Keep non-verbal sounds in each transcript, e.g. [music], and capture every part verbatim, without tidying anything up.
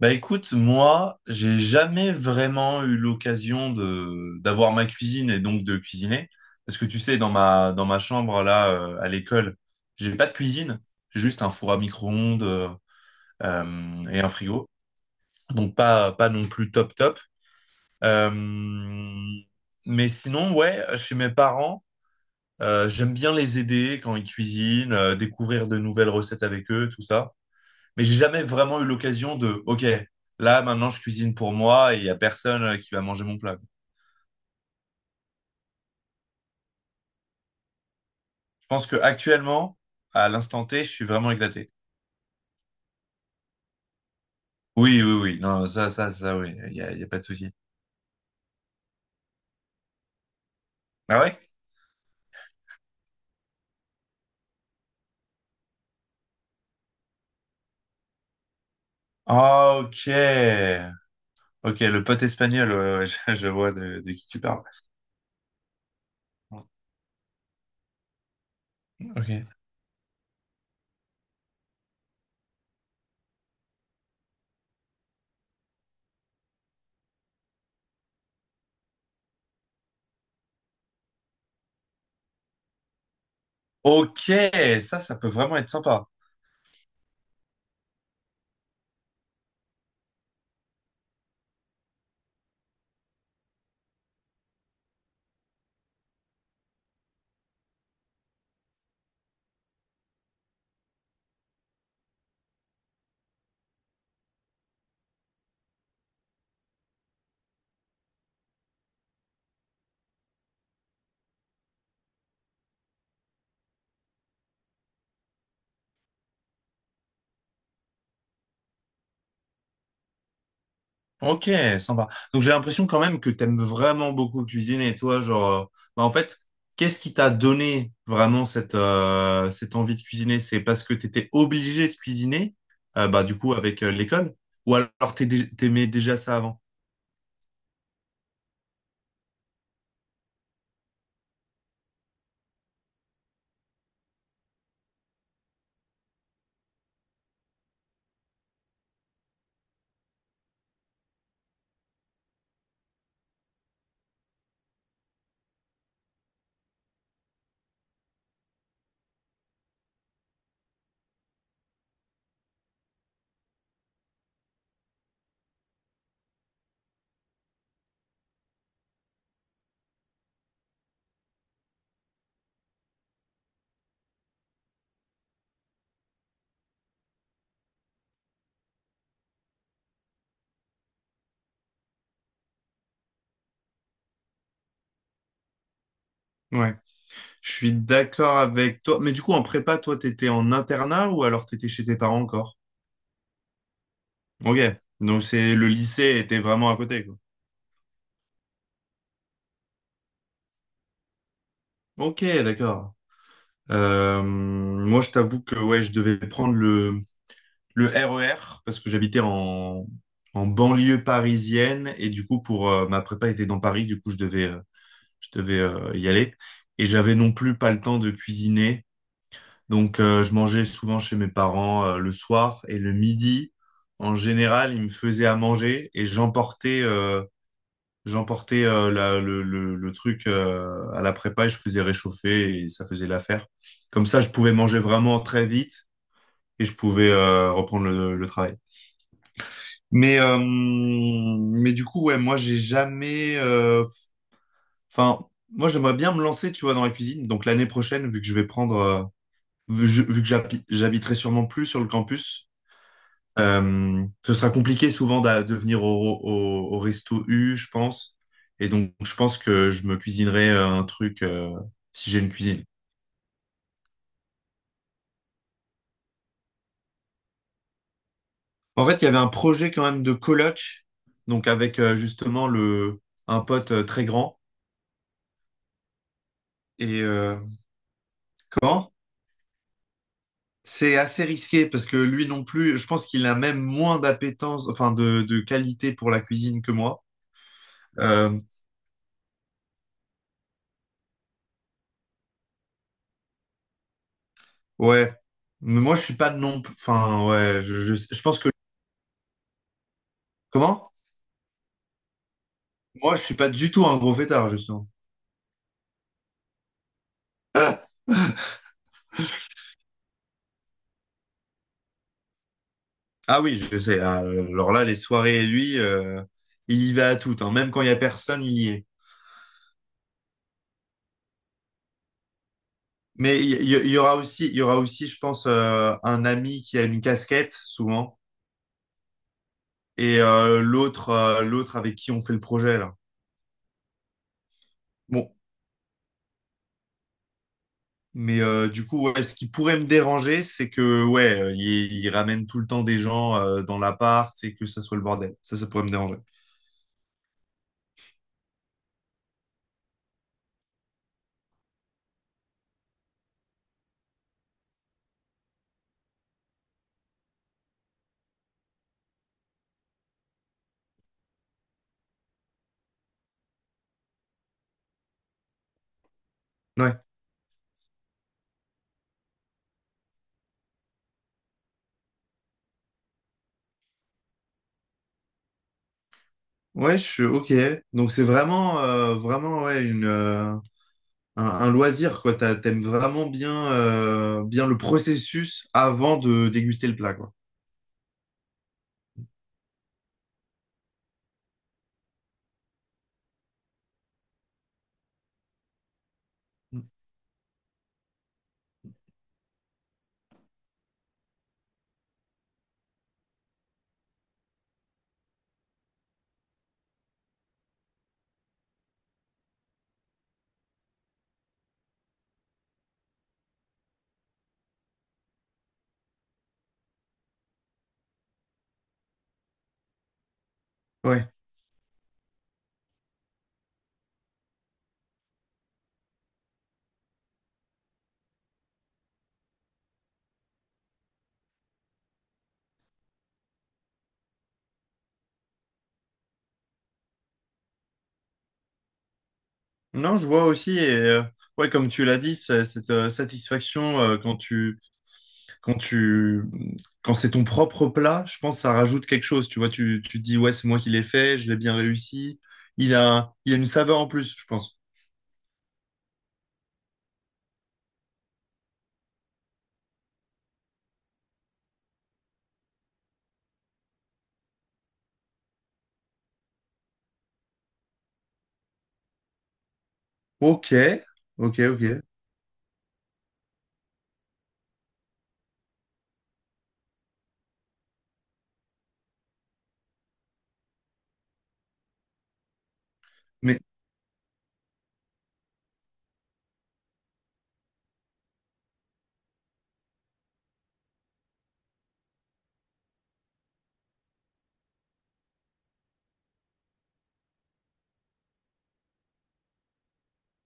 Bah écoute, moi, j'ai jamais vraiment eu l'occasion de d'avoir ma cuisine et donc de cuisiner. Parce que tu sais, dans ma dans ma chambre là euh, à l'école, j'ai pas de cuisine, j'ai juste un four à micro-ondes euh, euh, et un frigo. Donc pas pas non plus top top. Euh, mais sinon, ouais, chez mes parents, euh, j'aime bien les aider quand ils cuisinent, euh, découvrir de nouvelles recettes avec eux, tout ça. Mais j'ai jamais vraiment eu l'occasion de, OK, là, maintenant, je cuisine pour moi et il y a personne euh, qui va manger mon plat. Je pense que actuellement, à l'instant T, je suis vraiment éclaté. Oui, oui, oui. Non, ça, ça, ça, oui. Il y a, il y a pas de souci. Ah ouais? Ah, ok. Ok, le pote espagnol, ouais, ouais, [laughs] je, je vois de, de qui tu parles. Ok. Ok, ça, ça peut vraiment être sympa. Ok, sympa. Donc j'ai l'impression quand même que t'aimes vraiment beaucoup cuisiner, toi, genre, euh, bah, en fait, qu'est-ce qui t'a donné vraiment cette, euh, cette envie de cuisiner? C'est parce que t'étais obligé de cuisiner, euh, bah du coup avec euh, l'école, ou alors t'es dé- t'aimais déjà ça avant? Ouais, je suis d'accord avec toi. Mais du coup, en prépa, toi, t'étais en internat ou alors t'étais chez tes parents encore? Ok, donc c'est le lycée était vraiment à côté, quoi. Ok, d'accord. Euh, moi, je t'avoue que ouais, je devais prendre le le R E R, parce que j'habitais en, en banlieue parisienne, et du coup, pour euh, ma prépa était dans Paris, du coup, je devais, euh, je devais euh, y aller. Et j'avais non plus pas le temps de cuisiner, donc euh, je mangeais souvent chez mes parents euh, le soir et le midi. En général, ils me faisaient à manger et j'emportais euh, j'emportais euh, la- le, le, le truc euh, à la prépa et je faisais réchauffer et ça faisait l'affaire. Comme ça, je pouvais manger vraiment très vite et je pouvais euh, reprendre le le travail. Mais, euh, mais du coup, ouais, moi, j'ai jamais. euh, Enfin, moi, j'aimerais bien me lancer, tu vois, dans la cuisine. Donc, l'année prochaine, vu que je vais prendre. euh, vu je- vu que j'habi- j'habiterai sûrement plus sur le campus, euh, ce sera compliqué souvent d'a- de venir au, au, au resto U, je pense. Et donc, je pense que je me cuisinerai euh, un truc euh, si j'ai une cuisine. En fait, il y avait un projet quand même de coloc, donc avec euh, justement le, un pote euh, très grand. Et. euh, comment? C'est assez risqué parce que lui non plus, je pense qu'il a même moins d'appétence, enfin de, de qualité pour la cuisine que moi. Euh, ouais, mais moi je suis pas non plus, enfin ouais, je, je- je pense que comment? Moi je suis pas du tout un gros fêtard justement. Ah, ah oui, je sais. Ah, alors là, les soirées lui, euh, il y va à toutes, hein. Même quand il y a personne, il y est. Mais il y, il y aura aussi, il y aura aussi, je pense, euh, un ami qui a une casquette souvent et euh, l'autre, euh, l'autre avec qui on fait le projet là. Bon, mais euh, du coup, ouais, ce qui pourrait me déranger, c'est que ouais, euh, il, il ramène tout le temps des gens euh, dans l'appart et que ça soit le bordel. Ça, ça pourrait me déranger. Ouais. Ouais, je suis ok. Donc c'est vraiment, euh, vraiment ouais, une, euh, un, un loisir quoi. T'as- T'aimes vraiment bien, euh, bien le processus avant de déguster le plat quoi. Ouais. Non, je vois aussi et euh, ouais, comme tu l'as dit, c'est- cette euh, satisfaction euh, quand tu quand tu quand c'est ton propre plat, je pense que ça rajoute quelque chose. Tu vois, tu, tu te dis, ouais, c'est moi qui l'ai fait, je l'ai bien réussi. Il a, il a une saveur en plus, je pense. Ok, ok, ok. Mais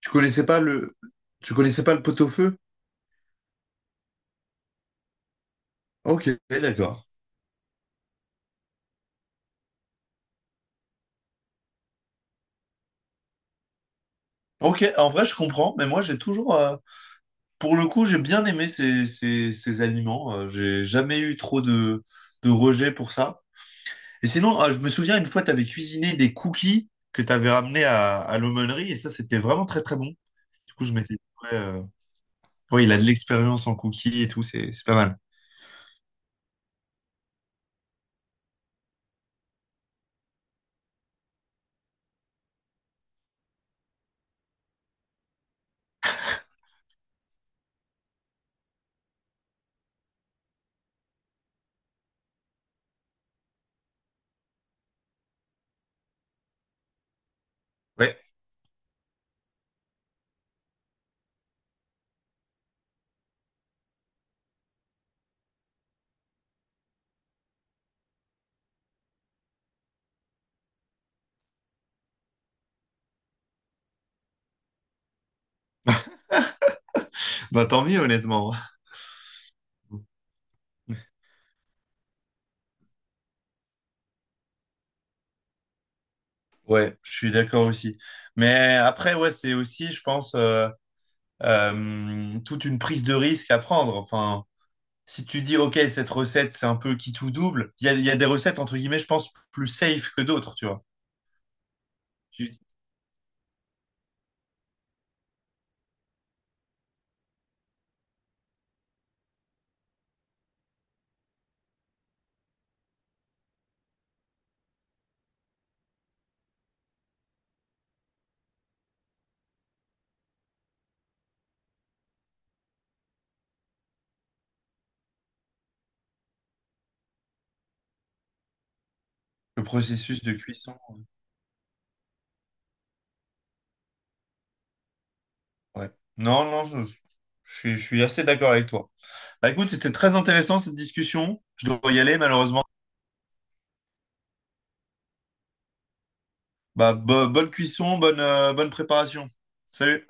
tu connaissais pas le, tu connaissais pas le pot-au-feu? Ok, d'accord. Ok, en vrai, je comprends, mais moi, j'ai toujours, euh, pour le coup, j'ai bien aimé ces, ces, ces aliments. Euh, j'ai jamais eu trop de, de rejet pour ça. Et sinon, euh, je me souviens une fois, tu avais cuisiné des cookies que tu avais ramenés à, à l'aumônerie et ça, c'était vraiment très très bon. Du coup, je m'étais dit, ouais, euh, ouais, il a de l'expérience en cookies et tout, c'est c'est pas mal. Ouais, bah tant mieux, honnêtement. [laughs] Ouais, je suis d'accord aussi. Mais après, ouais, c'est aussi, je pense, euh, euh, toute une prise de risque à prendre. Enfin, si tu dis, OK, cette recette, c'est un peu qui tout double, il y a, il y a des recettes, entre guillemets, je pense, plus safe que d'autres, tu vois. Tu- Le processus de cuisson. Ouais. Non, non, je, je suis, je suis assez d'accord avec toi. Bah écoute, c'était très intéressant cette discussion. Je dois y aller malheureusement. Bah, bo- bonne cuisson, bonne, euh, bonne préparation. Salut.